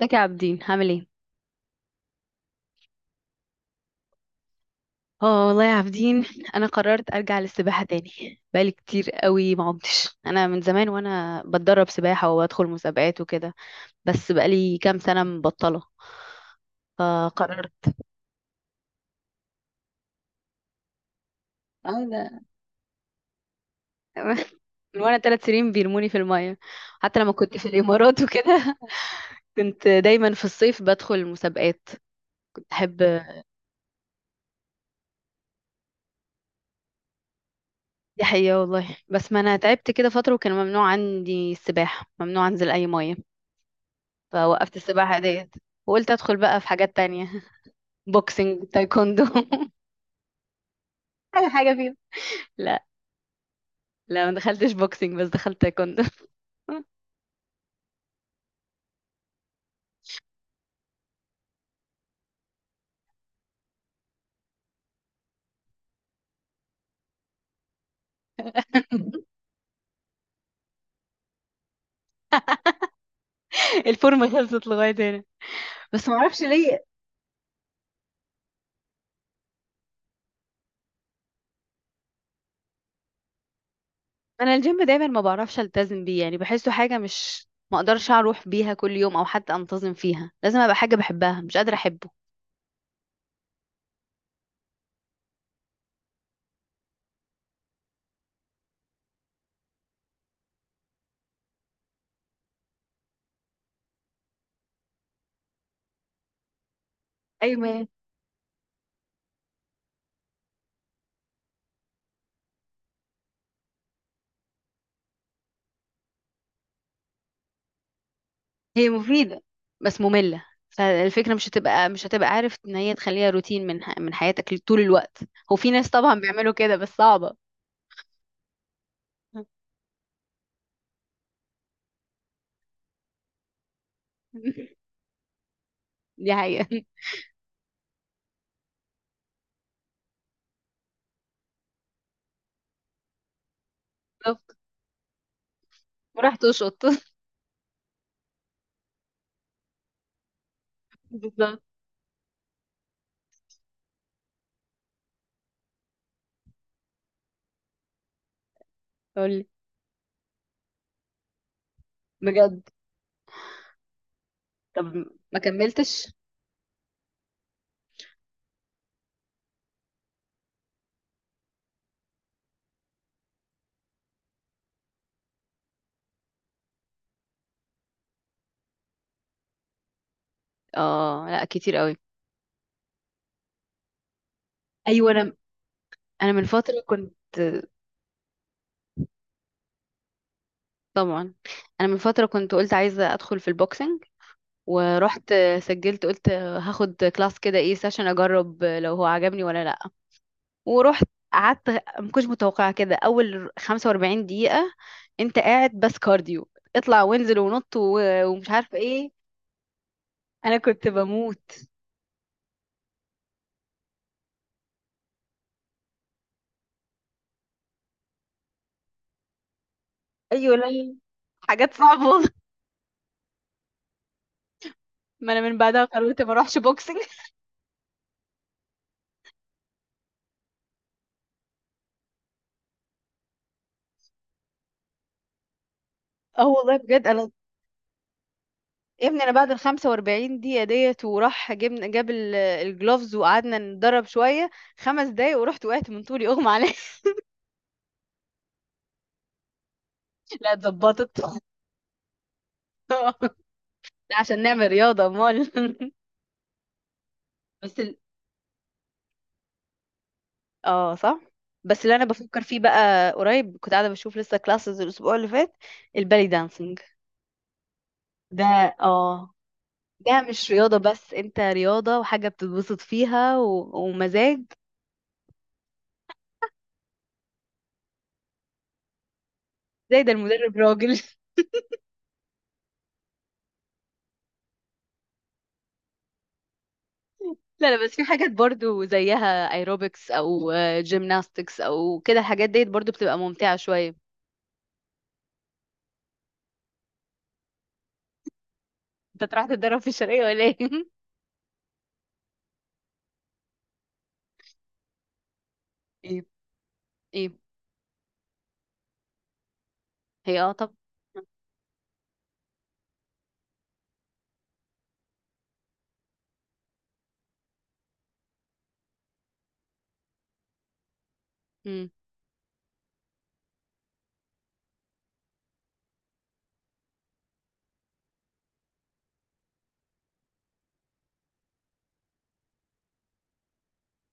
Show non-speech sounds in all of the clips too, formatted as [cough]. ازيك يا عابدين، عامل ايه؟ اه والله يا عابدين. انا قررت ارجع للسباحه تاني. بقالي كتير قوي ما عمتش، انا من زمان وانا بتدرب سباحه وبدخل مسابقات وكده. بس بقالي كام سنه مبطله. فقررت. اه، لا. [laughs] من وانا ثلاث سنين بيرموني في الميه. حتى لما كنت في الامارات وكده. [laughs] كنت دايما في الصيف بدخل مسابقات. كنت احب. دي حقيقه والله، بس ما انا تعبت كده فتره وكان ممنوع عندي السباحه، ممنوع انزل اي ميه. فوقفت السباحة ديت. وقلت ادخل بقى في حاجات تانية. [laughs] بوكسنج، تايكوندو. [laughs] اي حاجة فيهم. [laughs] لا، لا، ما دخلتش بوكسنج بس دخلت تايكوندو. [laughs] الفورمة خلصت لغاية هنا. بس ما اعرفش ليه. انا الجيم دايما ما بعرفش التزم بيه، يعني بحسه حاجة مش، ما اقدرش اروح بيها كل يوم او حتى انتظم فيها. لازم ابقى حاجة بحبها، مش قادرة احبه. ايوه، هي مفيدة. بس مملة، فالفكرة مش هتبقى عارف ان هي تخليها روتين من حياتك طول الوقت. هو في ناس طبعا بيعملوا كده بس صعبة. [laughs] دي حقيقة. [laughs] بالظبط. وراح تشط. [laughs] بالظبط. قولي. بجد؟ طب، ما كملتش. اه، لا، كتير قوي. ايوه، انا من فترة كنت. طبعا. انا من فترة كنت قلت عايزة ادخل في البوكسنج. ورحت. سجلت، قلت هاخد كلاس كده، ايه، سيشن، اجرب لو هو عجبني ولا لا. ورحت. قعدت. ما كنتش متوقعة كده. اول 45 دقيقة انت قاعد بس كارديو، اطلع وانزل ونط ومش عارفة ايه. انا كنت بموت. ايوه، لا، حاجات صعبة والله. ما انا من بعدها قررت ما اروحش بوكسنج. اه والله بجد انا، يا ابني، انا بعد ال 45 دقيقة ديت وراح جبنا جاب الجلوفز وقعدنا نتدرب شوية. خمس دقايق ورحت وقعت من طولي، اغمى عليا. [laughs] لا، اتظبطت. [laughs] لا، عشان نعمل رياضة امال. [laughs] بس ال... اه، صح. بس اللي انا بفكر فيه بقى، قريب كنت قاعدة بشوف لسه كلاسز الاسبوع اللي فات. البالي دانسينج. ده اه ده مش رياضة، بس انت رياضة وحاجة بتتبسط فيها ومزاج. زي ده المدرب راجل. [laughs] لا، لا، بس في حاجات برضو زيها، ايروبكس او جيمناستكس او كده، الحاجات ديت برضو بتبقى ممتعة شوية. انت رايح تتدرب في الشرقية ولا ايه؟ [laughs] ايه؟ ايه؟ هي طب. مم.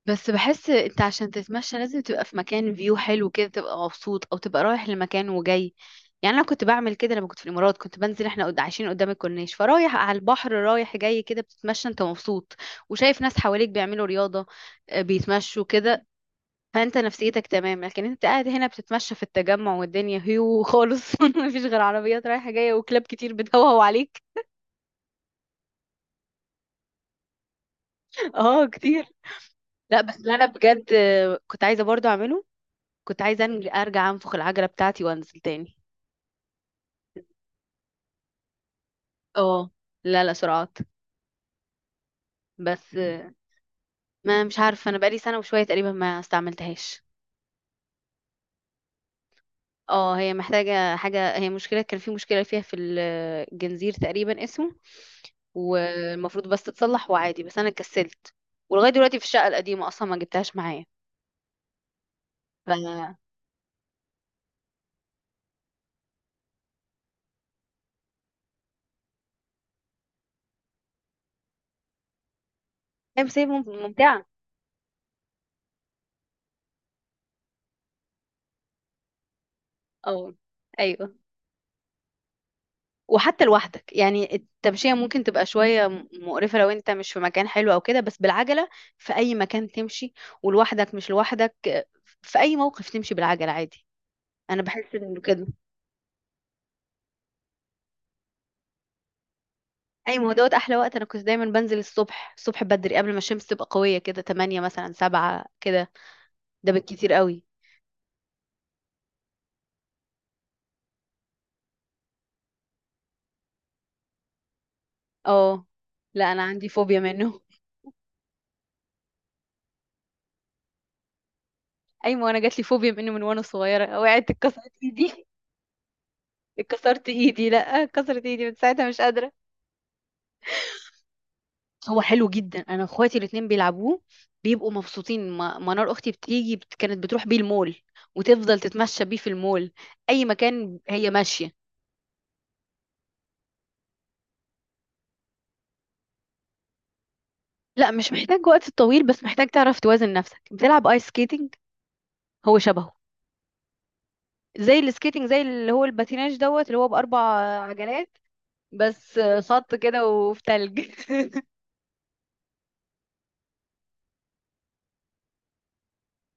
بس بحس انت عشان تتمشى لازم تبقى في مكان فيو حلو كده، تبقى مبسوط او تبقى رايح لمكان وجاي. يعني انا كنت بعمل كده لما كنت في الامارات، كنت بنزل، احنا عايشين قدام الكورنيش، فرايح على البحر رايح جاي كده، بتتمشى انت مبسوط. وشايف ناس حواليك بيعملوا رياضة، بيتمشوا كده. فانت نفسيتك تمام، لكن انت قاعد هنا بتتمشى في التجمع والدنيا هيو خالص. [laughs] مفيش غير عربيات رايحة جاية وكلاب كتير بتهوهو عليك. [laughs] اه، كتير. لا، بس اللي انا بجد كنت عايزة برضو اعمله. كنت عايزة ارجع انفخ العجلة بتاعتي وانزل تاني. اه، لا، لا، سرعات. بس ما مش عارفة، انا بقالي سنة وشوية تقريبا ما استعملتهاش. اه، هي محتاجة حاجة، هي مشكلة، كان في مشكلة فيها في الجنزير تقريبا اسمه. والمفروض بس تتصلح وعادي، بس انا كسلت. ولغاية دلوقتي في الشقة القديمة اصلا ما جبتهاش معايا. ف هي مسايب ممتعة. اه، ايوه. وحتى لوحدك، يعني التمشية ممكن تبقى شوية مقرفة لو انت مش في مكان حلو او كده، بس بالعجلة في اي مكان تمشي، ولوحدك مش لوحدك، في اي موقف تمشي بالعجلة عادي. انا بحس انه كده. اي، ما هو دوت احلى وقت. انا كنت دايما بنزل الصبح الصبح بدري قبل ما الشمس تبقى قويه، كده 8 مثلا 7 كده. ده بالكتير قوي. اه، لا، انا عندي فوبيا منه. [laughs] اي، ما انا جات لي فوبيا منه من وانا صغيره، وقعت اتكسرت ايدي. [laughs] اتكسرت ايدي، لا، اتكسرت ايدي من ساعتها مش قادره. هو حلو جدا، انا اخواتي الاتنين بيلعبوه، بيبقوا مبسوطين. منار اختي كانت بتروح بيه المول، وتفضل تتمشى بيه في المول، اي مكان هي ماشيه. لا، مش محتاج وقت طويل، بس محتاج تعرف توازن نفسك، بتلعب ايس سكيتنج. هو شبهه. زي السكيتنج، زي اللي هو الباتيناج دوت، اللي هو بأربع عجلات، بس خط كده وفي تلج.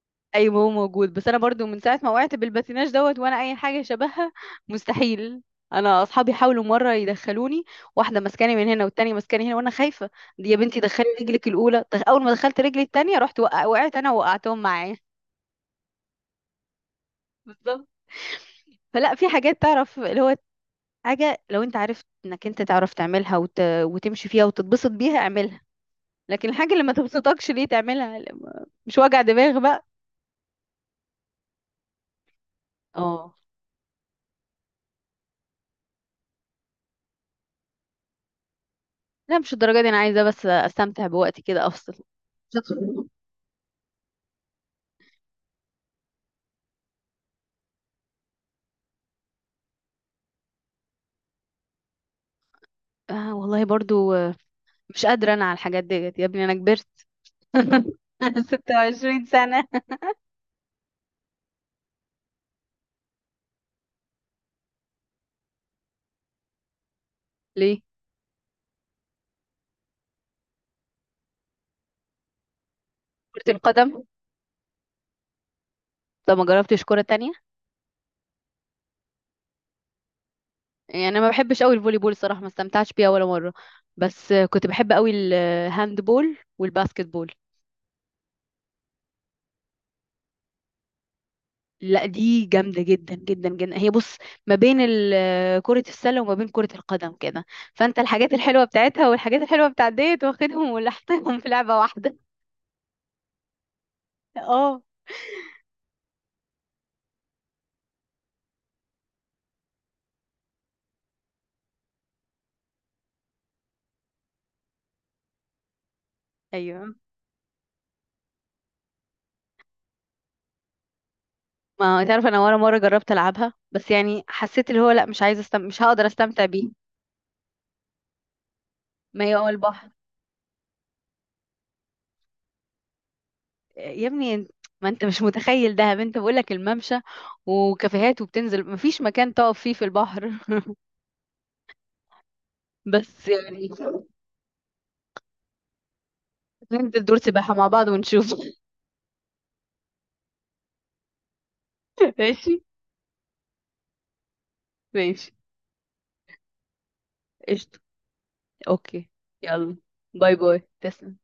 [laughs] ايوه، هو موجود، بس انا برضو من ساعه ما وقعت بالباتيناج دوت وانا اي حاجه شبهها مستحيل. انا اصحابي حاولوا مره يدخلوني، واحده ماسكاني من هنا والتانيه ماسكاني هنا وانا خايفه. دي يا بنتي دخلي رجلك الاولى، اول ما دخلت رجلي التانيه وقعت انا، وقعتهم معايا. [laughs] بالظبط. فلا، في حاجات، تعرف اللي هو، حاجة لو انت عارف انك انت تعرف تعملها وتمشي فيها وتتبسط بيها، اعملها. لكن الحاجة اللي ما تبسطكش ليه تعملها؟ مش وجع دماغ بقى. اه، لا، مش الدرجة دي، انا عايزة بس استمتع بوقتي كده افصل. مش هدخل- آه والله برضو، مش قادرة انا على الحاجات ديت، يا ابني، انا كبرت. [laughs] 26 سنة. ليه؟ كرة القدم. طب ما جربتش كرة تانية؟ يعني انا ما بحبش قوي الفولي بول صراحة، ما استمتعتش بيها ولا مرة. بس كنت بحب قوي الهاند بول والباسكت بول. لا، دي جامدة جدا جدا جدا، هي بص، ما بين كرة السلة وما بين كرة القدم كده، فانت الحاجات الحلوة بتاعتها والحاجات الحلوة بتاعت ديت واخدهم ولحقتهم في لعبة واحدة. [laughs] اه، ايوه. ما تعرف، انا ولا مرة جربت العبها، بس يعني حسيت اللي هو لا، مش عايزة مش هقدر استمتع بيه. ما هي هو البحر، يا ابني انت، ما انت مش متخيل دهب، انت بقولك الممشى وكافيهات وبتنزل، مفيش مكان تقف فيه في البحر. [laughs] بس يعني، ننزل دور سباحة مع بعض ونشوف. [laughs] ماشي، ماشي، قشطة، اوكي. يلا. باي باي، تسلم.